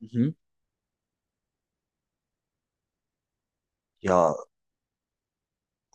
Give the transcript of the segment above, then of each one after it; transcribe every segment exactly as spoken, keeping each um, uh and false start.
Hı hı. Ya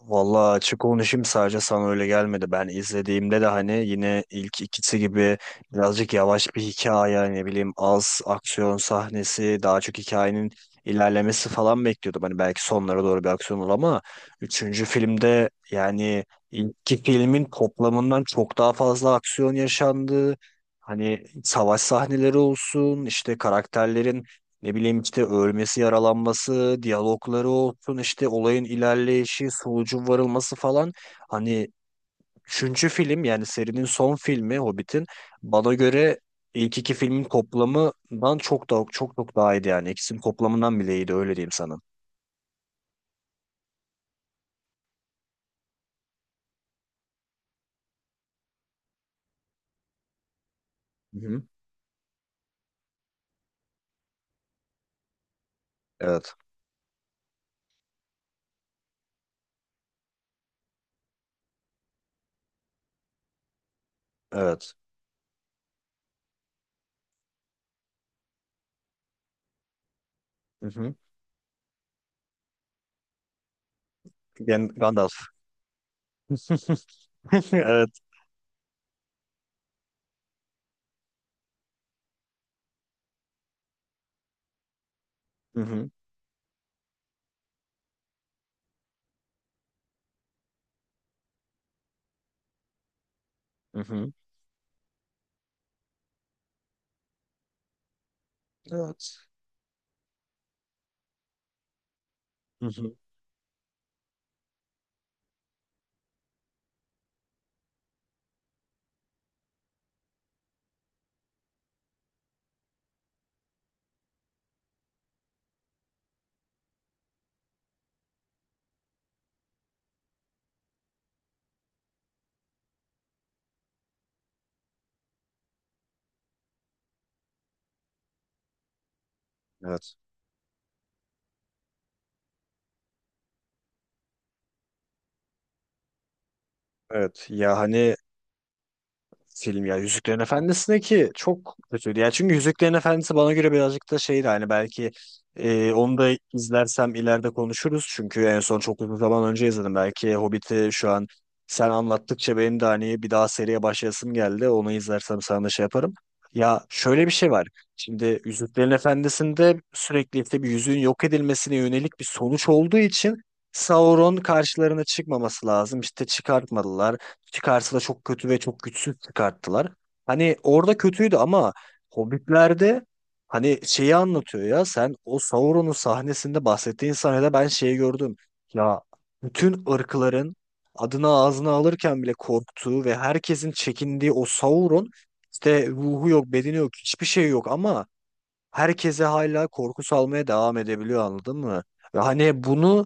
vallahi açık konuşayım, sadece sana öyle gelmedi. Ben izlediğimde de hani yine ilk ikisi gibi birazcık yavaş bir hikaye, ne bileyim az aksiyon sahnesi, daha çok hikayenin ilerlemesi falan bekliyordum. Hani belki sonlara doğru bir aksiyon olur ama üçüncü filmde yani ilk filmin toplamından çok daha fazla aksiyon yaşandı. Hani savaş sahneleri olsun, işte karakterlerin ne bileyim işte ölmesi, yaralanması, diyalogları olsun, işte olayın ilerleyişi, sonucun varılması falan. Hani üçüncü film yani serinin son filmi Hobbit'in bana göre ilk iki filmin toplamından çok da çok çok daha iyiydi yani. İkisinin toplamından bile iyiydi, öyle diyeyim sana. Hı hı. Evet. Evet. Hı hı. Gan- Gandalf. Evet. Hı hı. Hı hı. Evet. Hı hı. Evet. Evet. Ya hani film ya, Yüzüklerin Efendisi'ne ki çok kötüydü. Ya çünkü Yüzüklerin Efendisi bana göre birazcık da şeydi hani, belki e, onu da izlersem ileride konuşuruz. Çünkü en son çok uzun zaman önce izledim. Belki Hobbit'i şu an sen anlattıkça benim de hani bir daha seriye başlayasım geldi. Onu izlersem sana da şey yaparım. Ya şöyle bir şey var. Şimdi Yüzüklerin Efendisi'nde sürekli işte bir yüzüğün yok edilmesine yönelik bir sonuç olduğu için Sauron karşılarına çıkmaması lazım. İşte çıkartmadılar, çıkarsa da çok kötü ve çok güçsüz çıkarttılar. Hani orada kötüydü ama Hobbit'lerde hani şeyi anlatıyor ya, sen o Sauron'un sahnesinde bahsettiğin sahnede ben şeyi gördüm. Ya bütün ırkların adını ağzına alırken bile korktuğu ve herkesin çekindiği o Sauron, işte ruhu yok, bedeni yok, hiçbir şey yok ama herkese hala korku salmaya devam edebiliyor, anladın mı? Ve hani bunu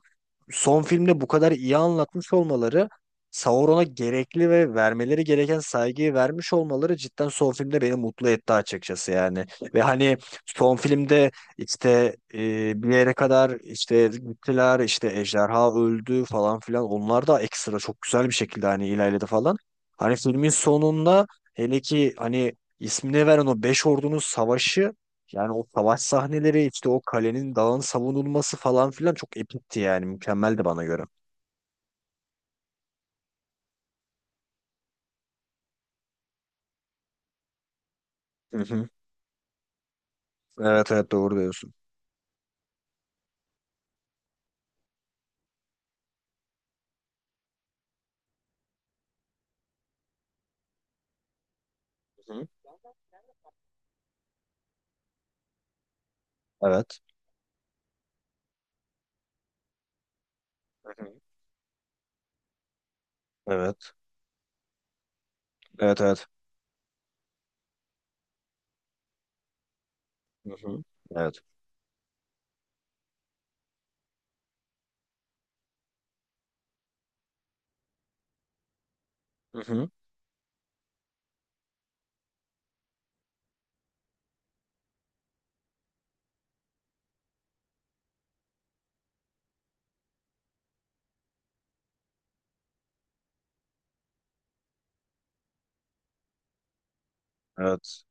son filmde bu kadar iyi anlatmış olmaları, Sauron'a gerekli ve vermeleri gereken saygıyı vermiş olmaları cidden son filmde beni mutlu etti açıkçası yani. Ve hani son filmde işte e, bir yere kadar işte gittiler, işte ejderha öldü falan filan, onlar da ekstra çok güzel bir şekilde hani ilerledi falan. Hani filmin sonunda, hele ki hani ismini veren o beş ordunun savaşı, yani o savaş sahneleri, işte o kalenin, dağın savunulması falan filan çok epikti yani, mükemmeldi bana göre. Hı hı. Evet, evet, doğru diyorsun. Hı hı. Evet. Hı hı. Evet. Evet evet. Hı hı. Evet. Hı hı. Evet.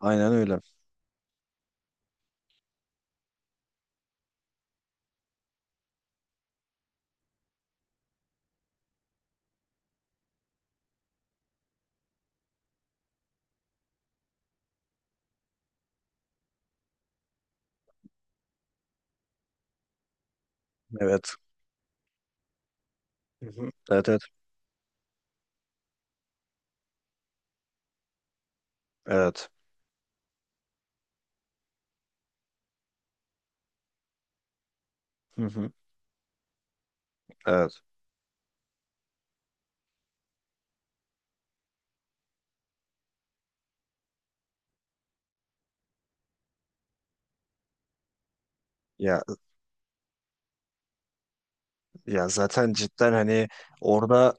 Aynen öyle. Evet. Hı hı. Evet evet. Evet. Hı hı. Evet. Ya ya zaten cidden hani orada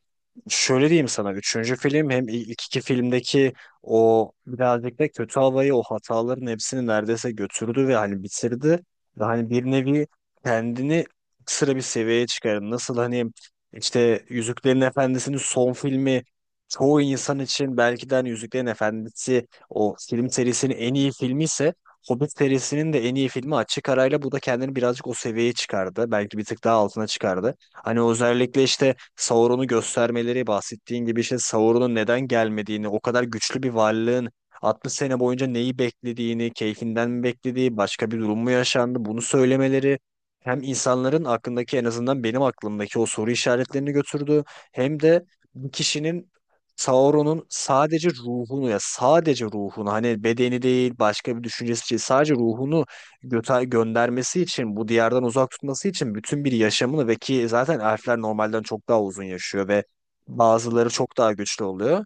şöyle diyeyim sana, üçüncü film hem il- ilk iki filmdeki o birazcık da kötü havayı, o hataların hepsini neredeyse götürdü ve hani bitirdi. Ve hani bir nevi kendini sıra bir seviyeye çıkardı. Nasıl hani işte Yüzüklerin Efendisi'nin son filmi, çoğu insan için belki de hani Yüzüklerin Efendisi o film serisinin en iyi filmi ise, Hobbit serisinin de en iyi filmi açık arayla bu da kendini birazcık o seviyeye çıkardı. Belki bir tık daha altına çıkardı. Hani özellikle işte Sauron'u göstermeleri, bahsettiğin gibi işte Sauron'un neden gelmediğini, o kadar güçlü bir varlığın altmış sene boyunca neyi beklediğini, keyfinden mi beklediği, başka bir durum mu yaşandı bunu söylemeleri, hem insanların aklındaki en azından benim aklımdaki o soru işaretlerini götürdü, hem de bir kişinin, Sauron'un sadece ruhunu, ya sadece ruhunu, hani bedeni değil, başka bir düşüncesi değil, sadece ruhunu göte- göndermesi için, bu diyardan uzak tutması için bütün bir yaşamını, ve ki zaten elfler normalden çok daha uzun yaşıyor ve bazıları çok daha güçlü oluyor.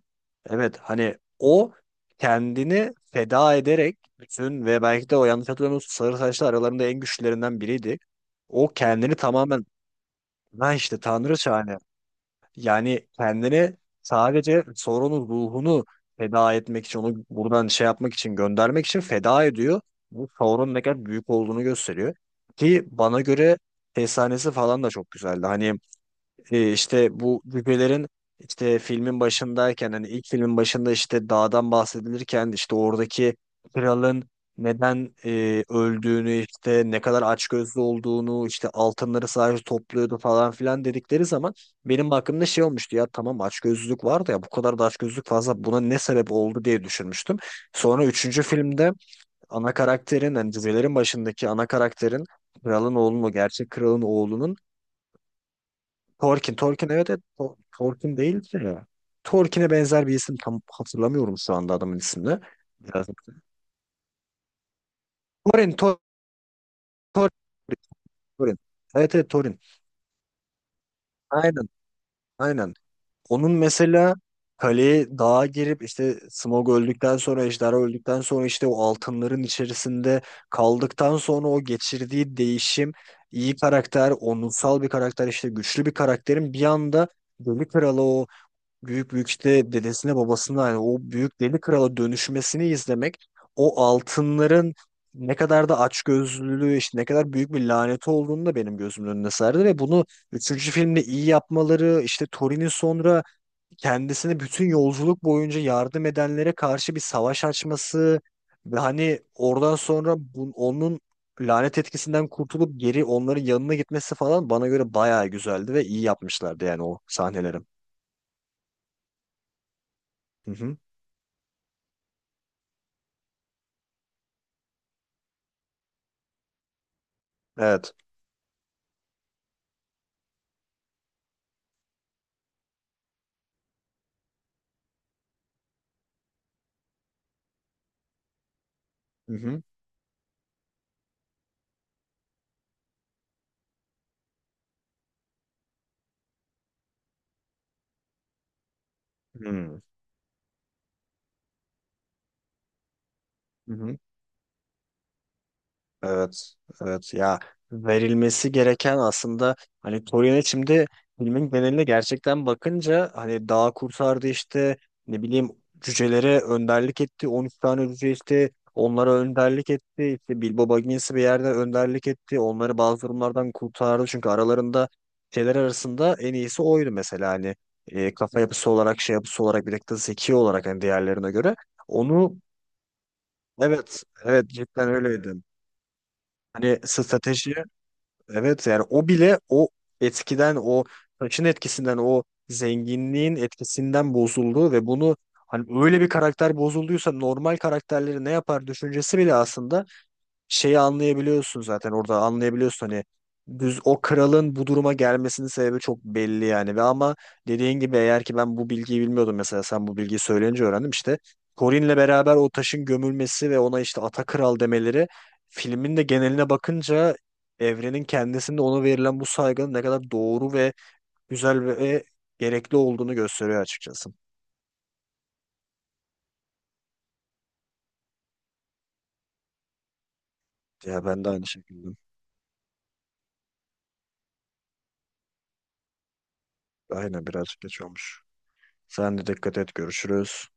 Evet, hani o kendini feda ederek bütün, ve belki de o, yanlış hatırlamıyorsam sarı saçlı aralarında en güçlülerinden biriydi. O kendini tamamen, ben işte tanrıça hani, yani kendini sadece sorunun ruhunu feda etmek için, onu buradan şey yapmak için, göndermek için feda ediyor. Bu Sauron'un ne kadar büyük olduğunu gösteriyor. Ki bana göre efsanesi falan da çok güzeldi. Hani e, işte bu cücelerin, işte filmin başındayken hani ilk filmin başında işte dağdan bahsedilirken, işte oradaki kralın neden e, öldüğünü, işte ne kadar açgözlü olduğunu, işte altınları sadece topluyordu falan filan dedikleri zaman, benim aklımda şey olmuştu: ya tamam açgözlülük vardı ya, bu kadar da açgözlülük fazla, buna ne sebep oldu diye düşünmüştüm. Sonra üçüncü filmde ana karakterin, hani cücelerin başındaki ana karakterin, kralın oğlunun, o gerçek kralın oğlunun Torkin. Torkin evet evet. To- Torkin değildi ya. Torkin'e benzer bir isim, tam hatırlamıyorum şu anda adamın ismini. Biraz- Torin. Tor Tor- Torin. Evet evet, Torin. Aynen. Aynen. Onun mesela kaleye, dağa girip işte Smog öldükten sonra, Ejderha öldükten sonra işte o altınların içerisinde kaldıktan sonra o geçirdiği değişim, iyi karakter, onursal bir karakter, işte güçlü bir karakterin bir anda Deli Kralı o büyük büyük işte dedesine, babasına, hani o büyük deli krala dönüşmesini izlemek, o altınların ne kadar da açgözlülüğü, işte ne kadar büyük bir laneti olduğunu da benim gözümün önüne serdi, ve bunu üçüncü filmde iyi yapmaları, işte Thorin'in sonra kendisine bütün yolculuk boyunca yardım edenlere karşı bir savaş açması, ve hani oradan sonra bu- onun lanet etkisinden kurtulup geri onların yanına gitmesi falan bana göre bayağı güzeldi ve iyi yapmışlardı yani o sahnelerim. Hı hı. Evet. Hı hı. Hı hı. Hı. Evet, evet ya, verilmesi gereken aslında, hani Torino şimdi filmin geneline gerçekten bakınca, hani dağ kurtardı işte, ne bileyim cücelere önderlik etti, on üç tane cüce, işte onlara önderlik etti, işte Bilbo Baggins'i bir yerde önderlik etti, onları bazı durumlardan kurtardı, çünkü aralarında, şeyler arasında en iyisi oydu mesela, hani e, kafa yapısı olarak, şey yapısı olarak, bir de zeki olarak hani diğerlerine göre onu. Evet, evet cidden öyleydi. Hani strateji, evet yani o bile o etkiden, o taşın etkisinden, o zenginliğin etkisinden bozuldu, ve bunu hani öyle bir karakter bozulduysa normal karakterleri ne yapar düşüncesi bile aslında, şeyi anlayabiliyorsun zaten orada, anlayabiliyorsun hani, düz o kralın bu duruma gelmesinin sebebi çok belli yani, ve ama dediğin gibi, eğer ki ben bu bilgiyi bilmiyordum mesela, sen bu bilgiyi söyleyince öğrendim, işte Corin'le beraber o taşın gömülmesi ve ona işte ata kral demeleri, filmin de geneline bakınca evrenin kendisinde ona verilen bu saygının ne kadar doğru ve güzel ve gerekli olduğunu gösteriyor açıkçası. Ya ben de aynı şekilde. Aynen, birazcık geç olmuş. Sen de dikkat et, görüşürüz.